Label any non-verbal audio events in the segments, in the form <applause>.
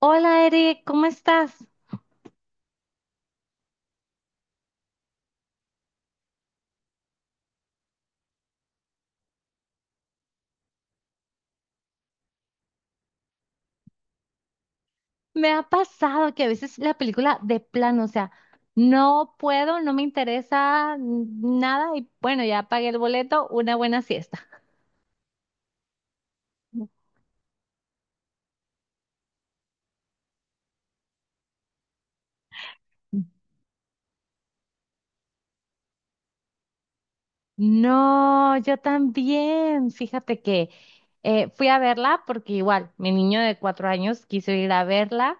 Hola Eric, ¿cómo estás? Me ha pasado que a veces la película de plano, o sea, no puedo, no me interesa nada y bueno, ya pagué el boleto, una buena siesta. No, yo también. Fíjate que fui a verla porque igual mi niño de 4 años quiso ir a verla.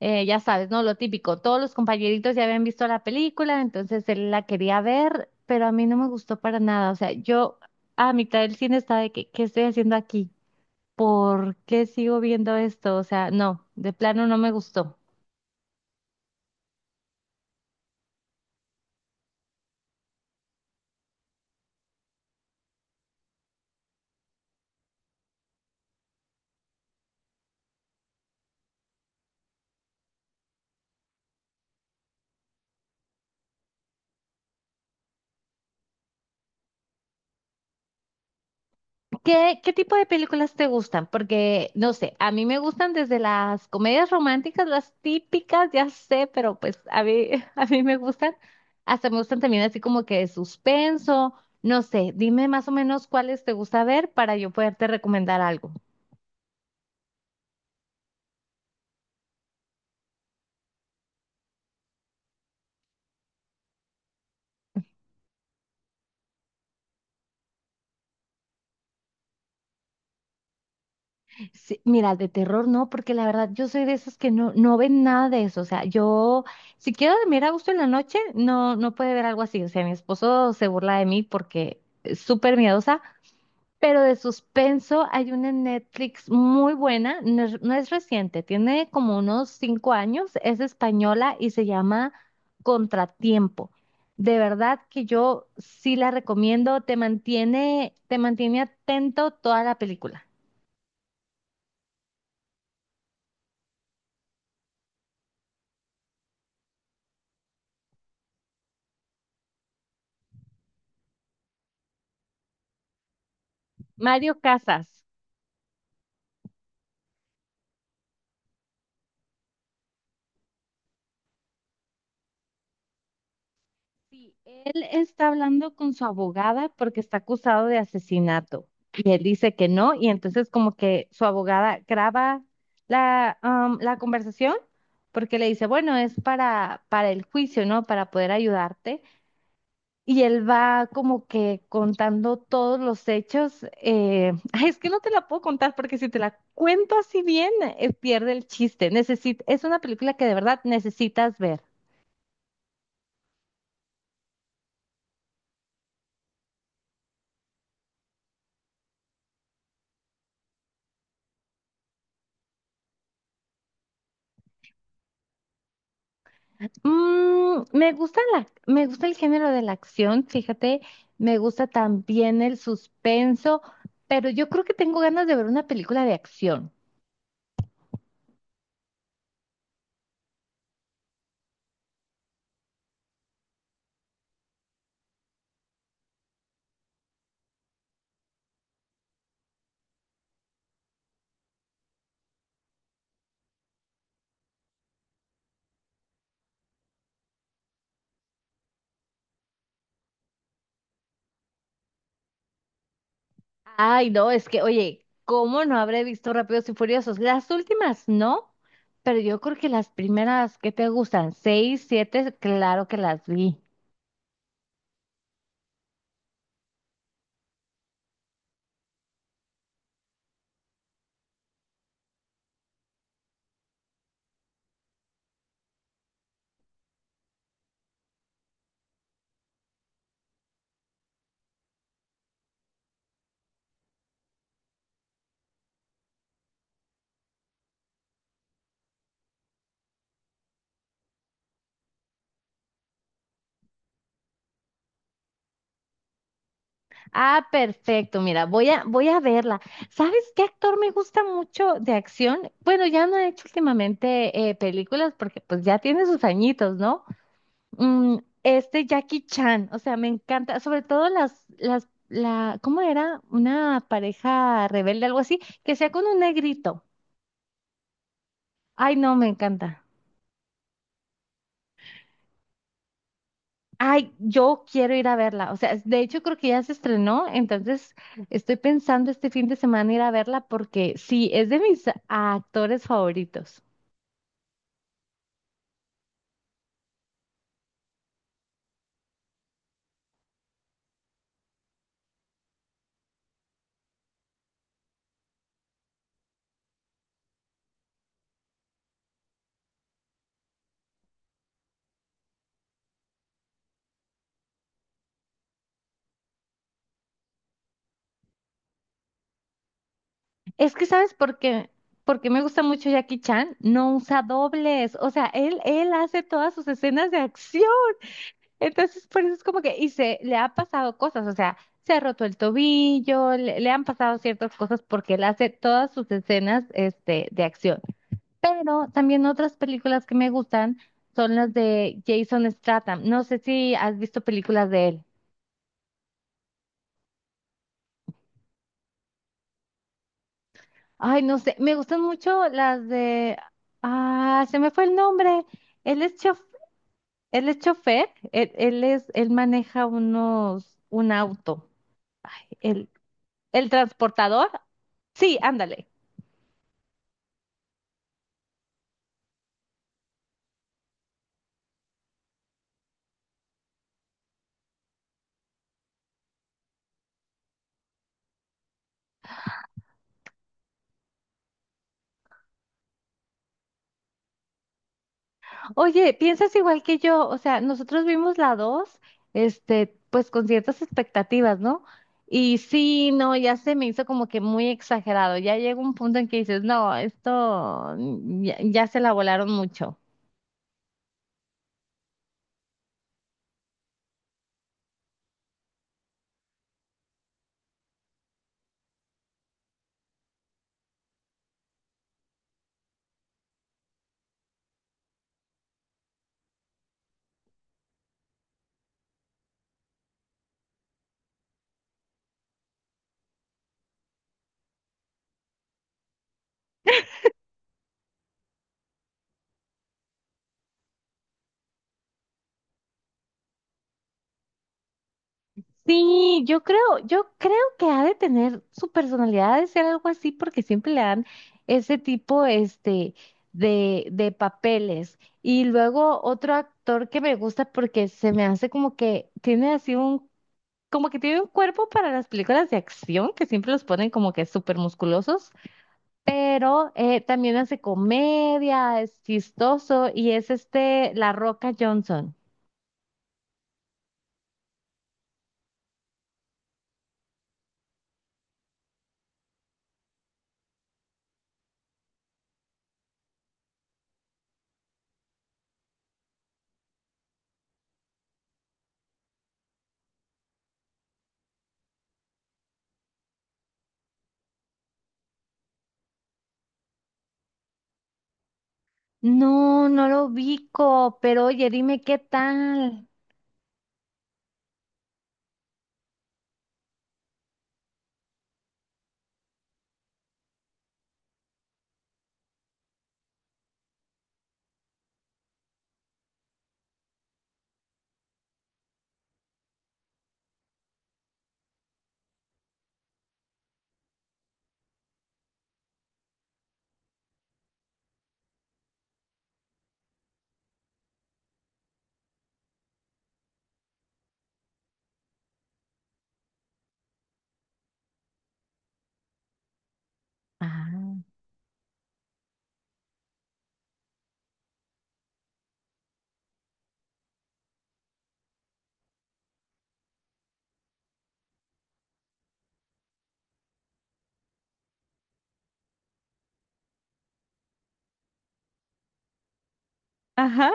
Ya sabes, ¿no? Lo típico. Todos los compañeritos ya habían visto la película, entonces él la quería ver, pero a mí no me gustó para nada. O sea, yo a mitad del cine estaba de que, ¿qué estoy haciendo aquí? ¿Por qué sigo viendo esto? O sea, no, de plano no me gustó. ¿Qué tipo de películas te gustan? Porque, no sé, a mí me gustan desde las comedias románticas, las típicas, ya sé, pero pues a mí, <laughs> a mí me gustan, hasta me gustan también así como que de suspenso, no sé, dime más o menos cuáles te gusta ver para yo poderte recomendar algo. Sí, mira, de terror no, porque la verdad yo soy de esas que no, no ven nada de eso, o sea, yo, si quiero dormir a gusto en la noche, no, no puede ver algo así, o sea, mi esposo se burla de mí porque es súper miedosa. Pero de suspenso hay una en Netflix muy buena, no es reciente, tiene como unos 5 años, es española y se llama Contratiempo. De verdad que yo sí la recomiendo, te mantiene atento toda la película. Mario Casas. Sí, él está hablando con su abogada porque está acusado de asesinato y él dice que no y entonces como que su abogada graba la, la conversación porque le dice, bueno, es para el juicio, ¿no? Para poder ayudarte. Y él va como que contando todos los hechos. <laughs> Ay, es que no te la puedo contar porque si te la cuento así bien, pierde el chiste. Es una película que de verdad necesitas ver. Mm, me gusta la, me gusta el género de la acción, fíjate, me gusta también el suspenso, pero yo creo que tengo ganas de ver una película de acción. Ay, no, es que, oye, ¿cómo no habré visto Rápidos y Furiosos? Las últimas no, pero yo creo que las primeras que te gustan, seis, siete, claro que las vi. Ah, perfecto. Mira, voy a verla. ¿Sabes qué actor me gusta mucho de acción? Bueno, ya no he hecho últimamente películas porque pues ya tiene sus añitos, ¿no? Mm, este Jackie Chan, o sea, me encanta, sobre todo la, ¿cómo era? Una pareja rebelde, algo así, que sea con un negrito. Ay, no, me encanta. Ay, yo quiero ir a verla. O sea, de hecho creo que ya se estrenó, entonces estoy pensando este fin de semana ir a verla porque sí, es de mis actores favoritos. Es que, ¿sabes por qué? Porque me gusta mucho Jackie Chan, no usa dobles. O sea, él hace todas sus escenas de acción. Entonces, por eso es como que, y se le ha pasado cosas, o sea, se ha roto el tobillo, le han pasado ciertas cosas porque él hace todas sus escenas, este, de acción. Pero también otras películas que me gustan son las de Jason Statham. No sé si has visto películas de él. Ay, no sé, me gustan mucho las de... Ah, se me fue el nombre. Él es chof... Él es chofer, él maneja un auto. El, el transportador. Sí, ándale. Oye, piensas igual que yo, o sea, nosotros vimos la 2, este, pues con ciertas expectativas, ¿no? Y sí, no, ya se me hizo como que muy exagerado, ya llega un punto en que dices, no, esto ya, ya se la volaron mucho. Sí, yo creo que ha de tener su personalidad ha de ser algo así porque siempre le dan ese tipo, este, de papeles. Y luego otro actor que me gusta porque se me hace como que tiene así un como que tiene un cuerpo para las películas de acción, que siempre los ponen como que súper musculosos, pero también hace comedia, es chistoso y es este La Roca Johnson. No, no lo ubico, pero oye, dime qué tal. Ah, ajá.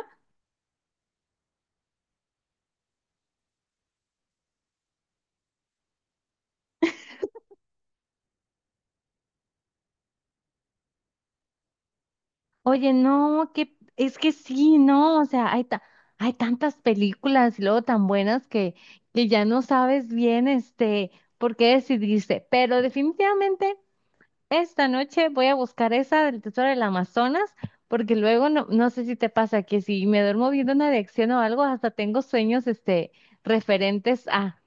Oye, no, que es que sí, no, o sea, hay tantas películas y luego tan buenas que ya no sabes bien este por qué decidiste, pero definitivamente. Esta noche voy a buscar esa del Tesoro del Amazonas, porque luego no, no sé si te pasa que si me duermo viendo una dirección o algo, hasta tengo sueños este, referentes a...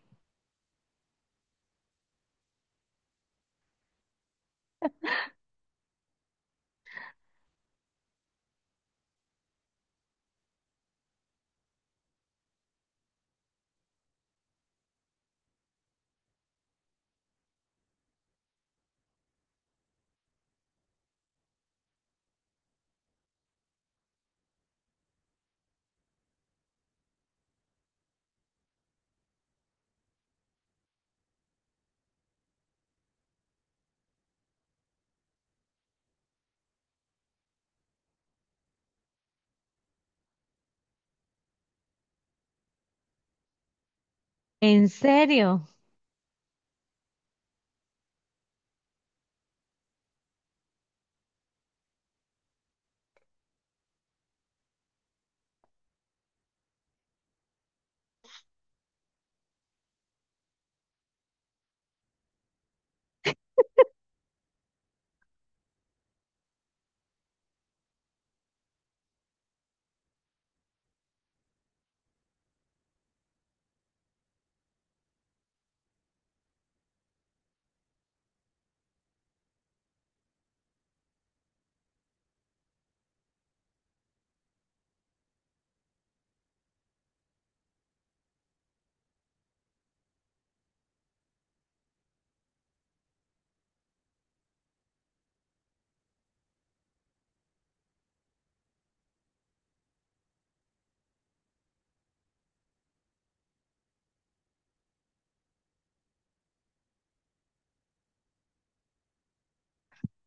¿En serio?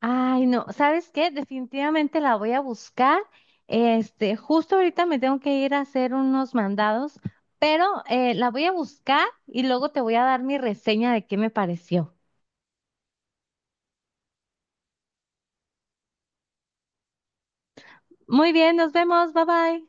Ay, no, ¿sabes qué? Definitivamente la voy a buscar. Este, justo ahorita me tengo que ir a hacer unos mandados, pero la voy a buscar y luego te voy a dar mi reseña de qué me pareció. Muy bien, nos vemos, bye bye.